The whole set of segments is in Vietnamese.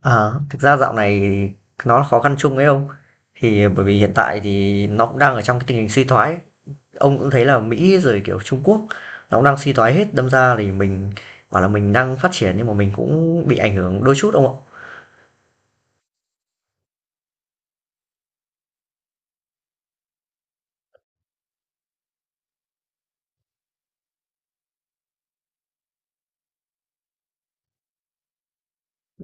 À, thực ra dạo này nó là khó khăn chung ấy ông. Thì bởi vì hiện tại thì nó cũng đang ở trong cái tình hình suy thoái. Ông cũng thấy là Mỹ rồi kiểu Trung Quốc nó cũng đang suy thoái hết, đâm ra thì mình bảo là mình đang phát triển nhưng mà mình cũng bị ảnh hưởng đôi chút ông ạ.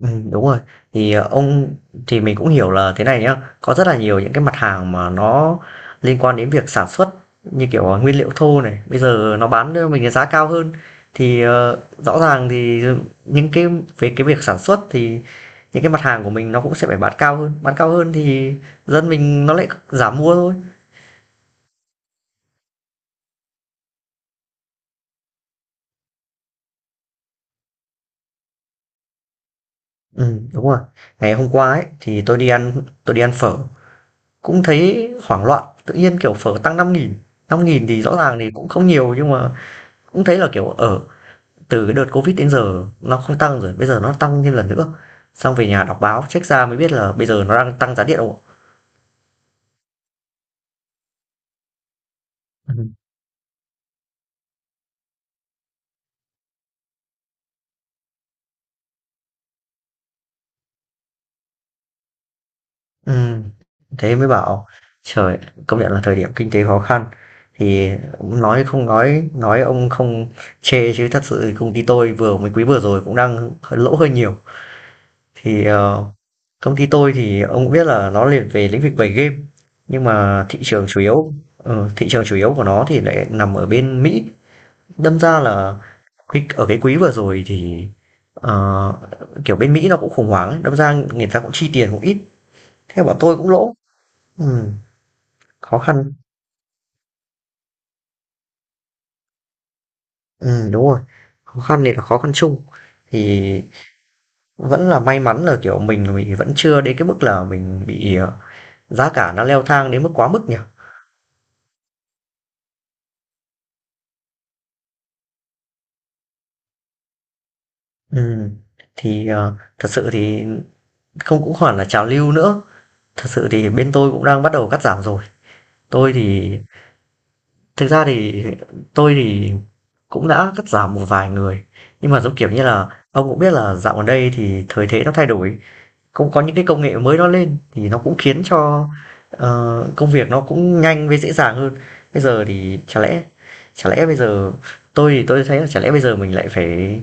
Đúng rồi. Thì, ông thì mình cũng hiểu là thế này nhá, có rất là nhiều những cái mặt hàng mà nó liên quan đến việc sản xuất như kiểu, nguyên liệu thô này, bây giờ nó bán cho mình cái giá cao hơn. Thì, rõ ràng thì những cái về cái việc sản xuất thì những cái mặt hàng của mình nó cũng sẽ phải bán cao hơn thì dân mình nó lại giảm mua thôi. Đúng rồi. Ngày hôm qua ấy, thì tôi đi ăn phở, cũng thấy hoảng loạn, tự nhiên, kiểu, phở tăng 5.000. 5.000 thì rõ ràng thì cũng không nhiều nhưng mà cũng thấy là kiểu ở từ cái đợt covid đến giờ nó không tăng, rồi bây giờ nó tăng thêm lần nữa. Xong về nhà đọc báo check ra mới biết là bây giờ nó đang tăng giá điện không. Ừ. Ừ. Thế mới bảo, trời, công nhận là thời điểm kinh tế khó khăn thì nói không nói ông không chê, chứ thật sự công ty tôi vừa mới quý vừa rồi cũng đang lỗ hơi nhiều. Thì công ty tôi thì ông cũng biết là nó liền về lĩnh vực về game, nhưng mà thị trường chủ yếu của nó thì lại nằm ở bên Mỹ. Đâm ra là cái ở cái quý vừa rồi thì ờ, kiểu bên Mỹ nó cũng khủng hoảng ấy, đâm ra người ta cũng chi tiền cũng ít, theo bọn tôi cũng lỗ. Ừ, khó khăn. Ừ, đúng rồi, khó khăn này là khó khăn chung. Thì vẫn là may mắn là kiểu mình vẫn chưa đến cái mức là mình bị, giá cả nó leo thang đến mức quá mức nhỉ. Ừ. Thì thật sự thì không cũng hẳn là trào lưu nữa, thật sự thì bên tôi cũng đang bắt đầu cắt giảm rồi. Tôi thì Thực ra thì tôi thì cũng đã cắt giảm một vài người, nhưng mà giống kiểu như là ông cũng biết là dạo gần đây thì thời thế nó thay đổi, cũng có những cái công nghệ mới nó lên thì nó cũng khiến cho, công việc nó cũng nhanh với dễ dàng hơn. Bây giờ thì chả lẽ bây giờ tôi thấy là chả lẽ bây giờ mình lại phải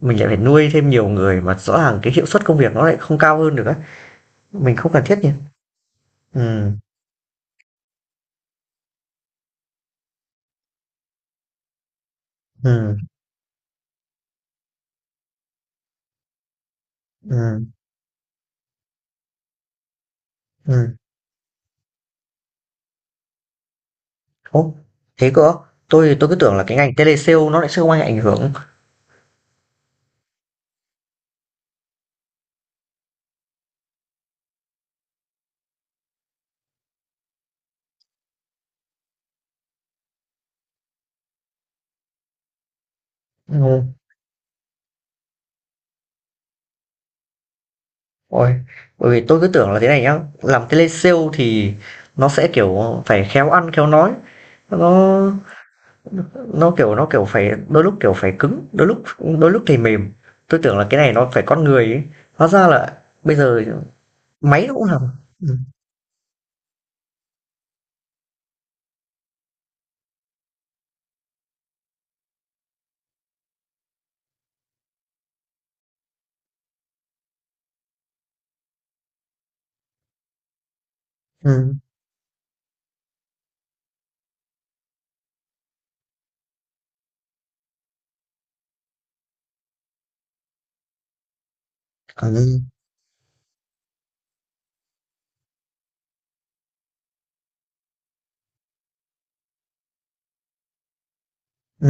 mình lại phải nuôi thêm nhiều người mà rõ ràng cái hiệu suất công việc nó lại không cao hơn được á, mình không cần thiết nhỉ? Ừ. Ừ. Ừ. Ừ. Ồ, thế cơ. Tôi cứ tưởng là cái ngành telesale nó lại sẽ không ảnh hưởng. Ồ. Ôi, bởi vì tôi cứ tưởng là thế này nhá, làm telesale thì nó sẽ kiểu phải khéo ăn khéo nói, nó nó kiểu phải đôi lúc kiểu phải cứng, đôi lúc thì mềm. Tôi tưởng là cái này nó phải con người ấy. Hóa ra là bây giờ máy nó cũng làm. Ừ. Ừ. Ừ. Ừ,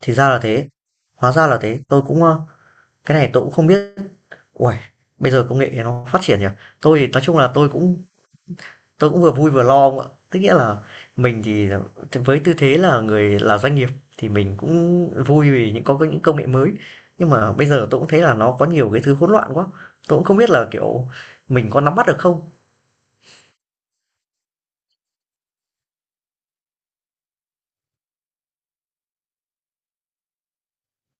thì ra là thế. Hóa ra là thế. Tôi cũng cái này tôi cũng không biết. Ui, bây giờ công nghệ nó phát triển nhỉ. Tôi thì nói chung là tôi cũng vừa vui vừa lo ông ạ, tức nghĩa là mình thì với tư thế là người là doanh nghiệp thì mình cũng vui vì những có những công nghệ mới, nhưng mà bây giờ tôi cũng thấy là nó có nhiều cái thứ hỗn loạn quá, tôi cũng không biết là kiểu mình có nắm bắt được không.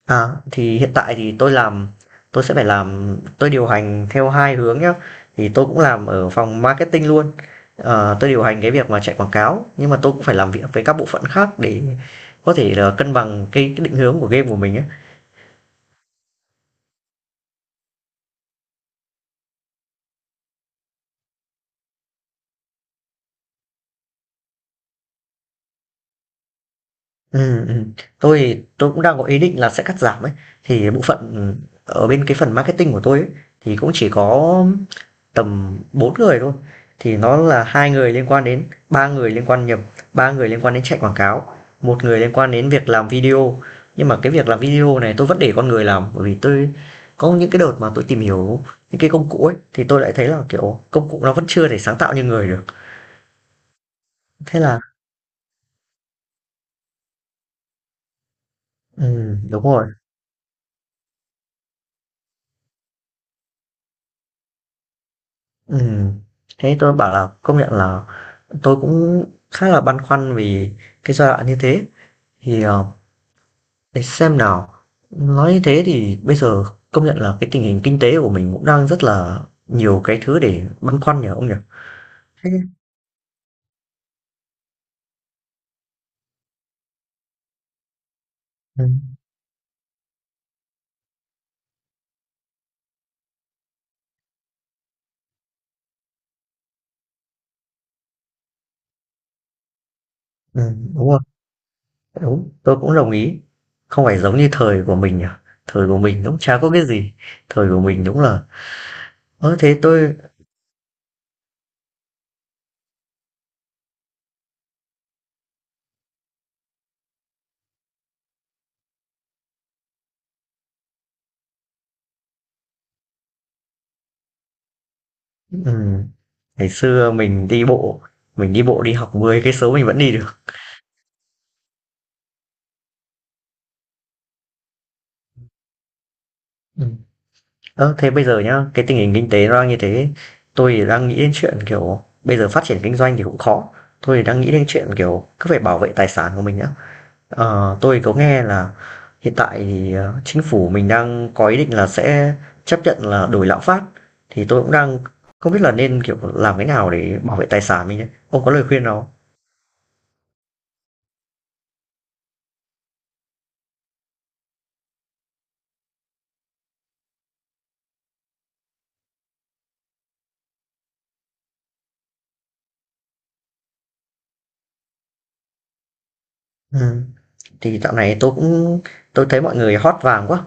À, thì hiện tại thì tôi làm tôi sẽ phải làm tôi điều hành theo hai hướng nhá. Thì tôi cũng làm ở phòng marketing luôn. Ờ, tôi điều hành cái việc mà chạy quảng cáo, nhưng mà tôi cũng phải làm việc với các bộ phận khác để có thể là cân bằng cái định hướng của game của mình ấy. Ừm, ừm. Tôi thì tôi cũng đang có ý định là sẽ cắt giảm ấy. Thì bộ phận ở bên cái phần marketing của tôi ấy, thì cũng chỉ có tầm 4 người thôi. Thì nó là hai người liên quan đến ba người liên quan nhập ba người liên quan đến chạy quảng cáo, một người liên quan đến việc làm video. Nhưng mà cái việc làm video này tôi vẫn để con người làm, bởi vì tôi có những cái đợt mà tôi tìm hiểu những cái công cụ ấy thì tôi lại thấy là kiểu công cụ nó vẫn chưa thể sáng tạo như người được. Thế là ừ, đúng rồi. Ừ. Thế tôi bảo là công nhận là tôi cũng khá là băn khoăn vì cái giai đoạn như thế thì để xem nào. Nói như thế thì bây giờ công nhận là cái tình hình kinh tế của mình cũng đang rất là nhiều cái thứ để băn khoăn nhỉ ông nhỉ? Thế ừm, đúng rồi, đúng, tôi cũng đồng ý. Không phải giống như thời của mình nhỉ? Thời của mình cũng chả có cái gì. Thời của mình đúng là. Ơ thế tôi ừm, Ngày xưa mình đi bộ đi học 10 cây số mình vẫn đi được. Ừm. Ơ, thế bây giờ nhá, cái tình hình kinh tế nó đang như thế, tôi thì đang nghĩ đến chuyện, kiểu, bây giờ phát triển kinh doanh thì cũng khó. Tôi thì đang nghĩ đến chuyện, kiểu, cứ phải bảo vệ tài sản của mình nhá. Ờ, tôi có nghe là hiện tại thì, chính phủ mình đang có ý định là sẽ chấp nhận là đổi lạm phát, thì tôi cũng đang không biết là nên, kiểu, làm cái nào để bảo vệ tài sản mình đây. Ông có lời khuyên nào không? Thì dạo này tôi cũng, tôi thấy mọi người hót vàng quá,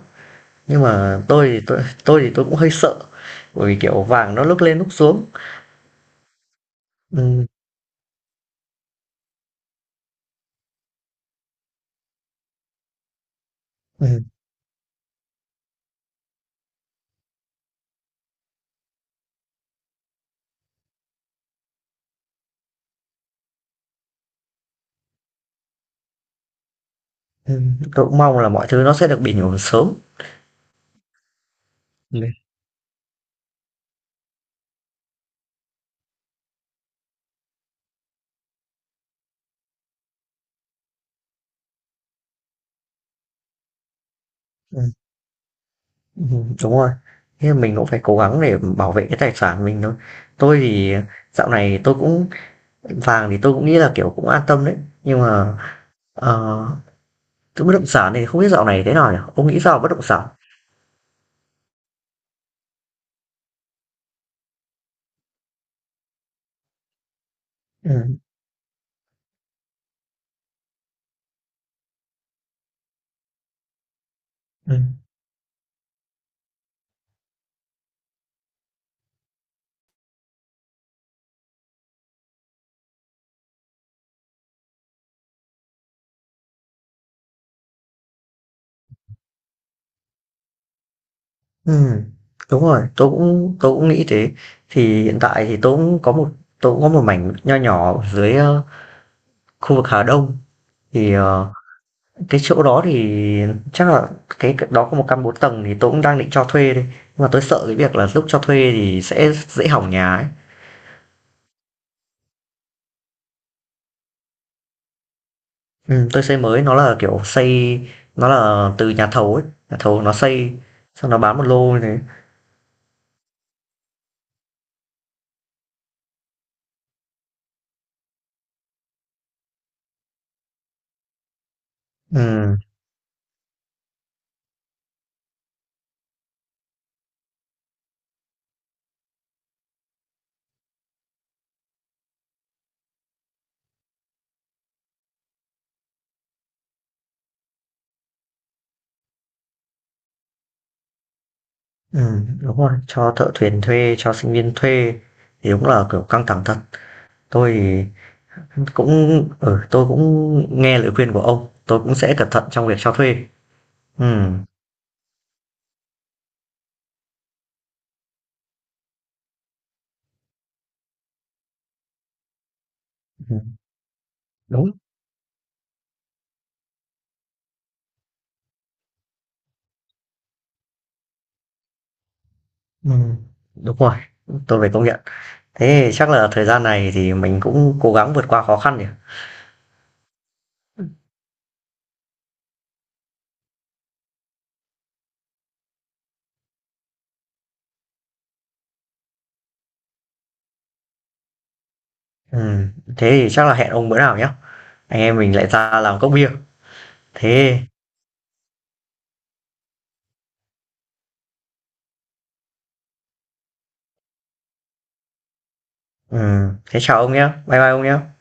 nhưng mà tôi cũng hơi sợ, bởi vì, kiểu, vàng nó lúc lên lúc xuống. Ừm, ừm, tôi cũng mong là mọi thứ nó sẽ được bình ổn sớm. Ừm. Ừm, đúng rồi, thế mình cũng phải cố gắng để bảo vệ cái tài sản mình thôi. Tôi thì dạo này tôi cũng vàng thì tôi cũng nghĩ là, kiểu, cũng an tâm đấy, nhưng mà, ờ, thứ bất động sản này không biết dạo này thế nào nhỉ? Ông nghĩ sao về bất động sản? Ừm, ừm, ừm, đúng rồi, tôi cũng nghĩ thế. Thì hiện tại thì tôi cũng có một mảnh nho nhỏ ở dưới, khu vực Hà Đông, thì, cái chỗ đó thì chắc là cái đó có một căn 4 tầng thì tôi cũng đang định cho thuê đây. Nhưng mà tôi sợ cái việc là lúc cho thuê thì sẽ dễ hỏng nhà ấy. Tôi xây mới nó là, kiểu, xây nó là từ nhà thầu ấy, nhà thầu nó xây, xong nó bán một lô như thế. Ừm, đúng rồi, cho thợ thuyền thuê, cho sinh viên thuê thì đúng là, kiểu, căng thẳng thật. Tôi thì cũng ừ, tôi cũng nghe lời khuyên của ông, tôi cũng sẽ cẩn thận trong việc cho thuê. Ừm, ừm, đúng. Ừm, đúng rồi, tôi phải công nhận. Thế thì chắc là thời gian này thì mình cũng cố gắng vượt qua khó khăn nhỉ? Ừm, thế thì chắc là hẹn ông bữa nào nhá, anh em mình lại ra làm cốc bia. Thế Thế chào ông nhá, bye bye ông nhá.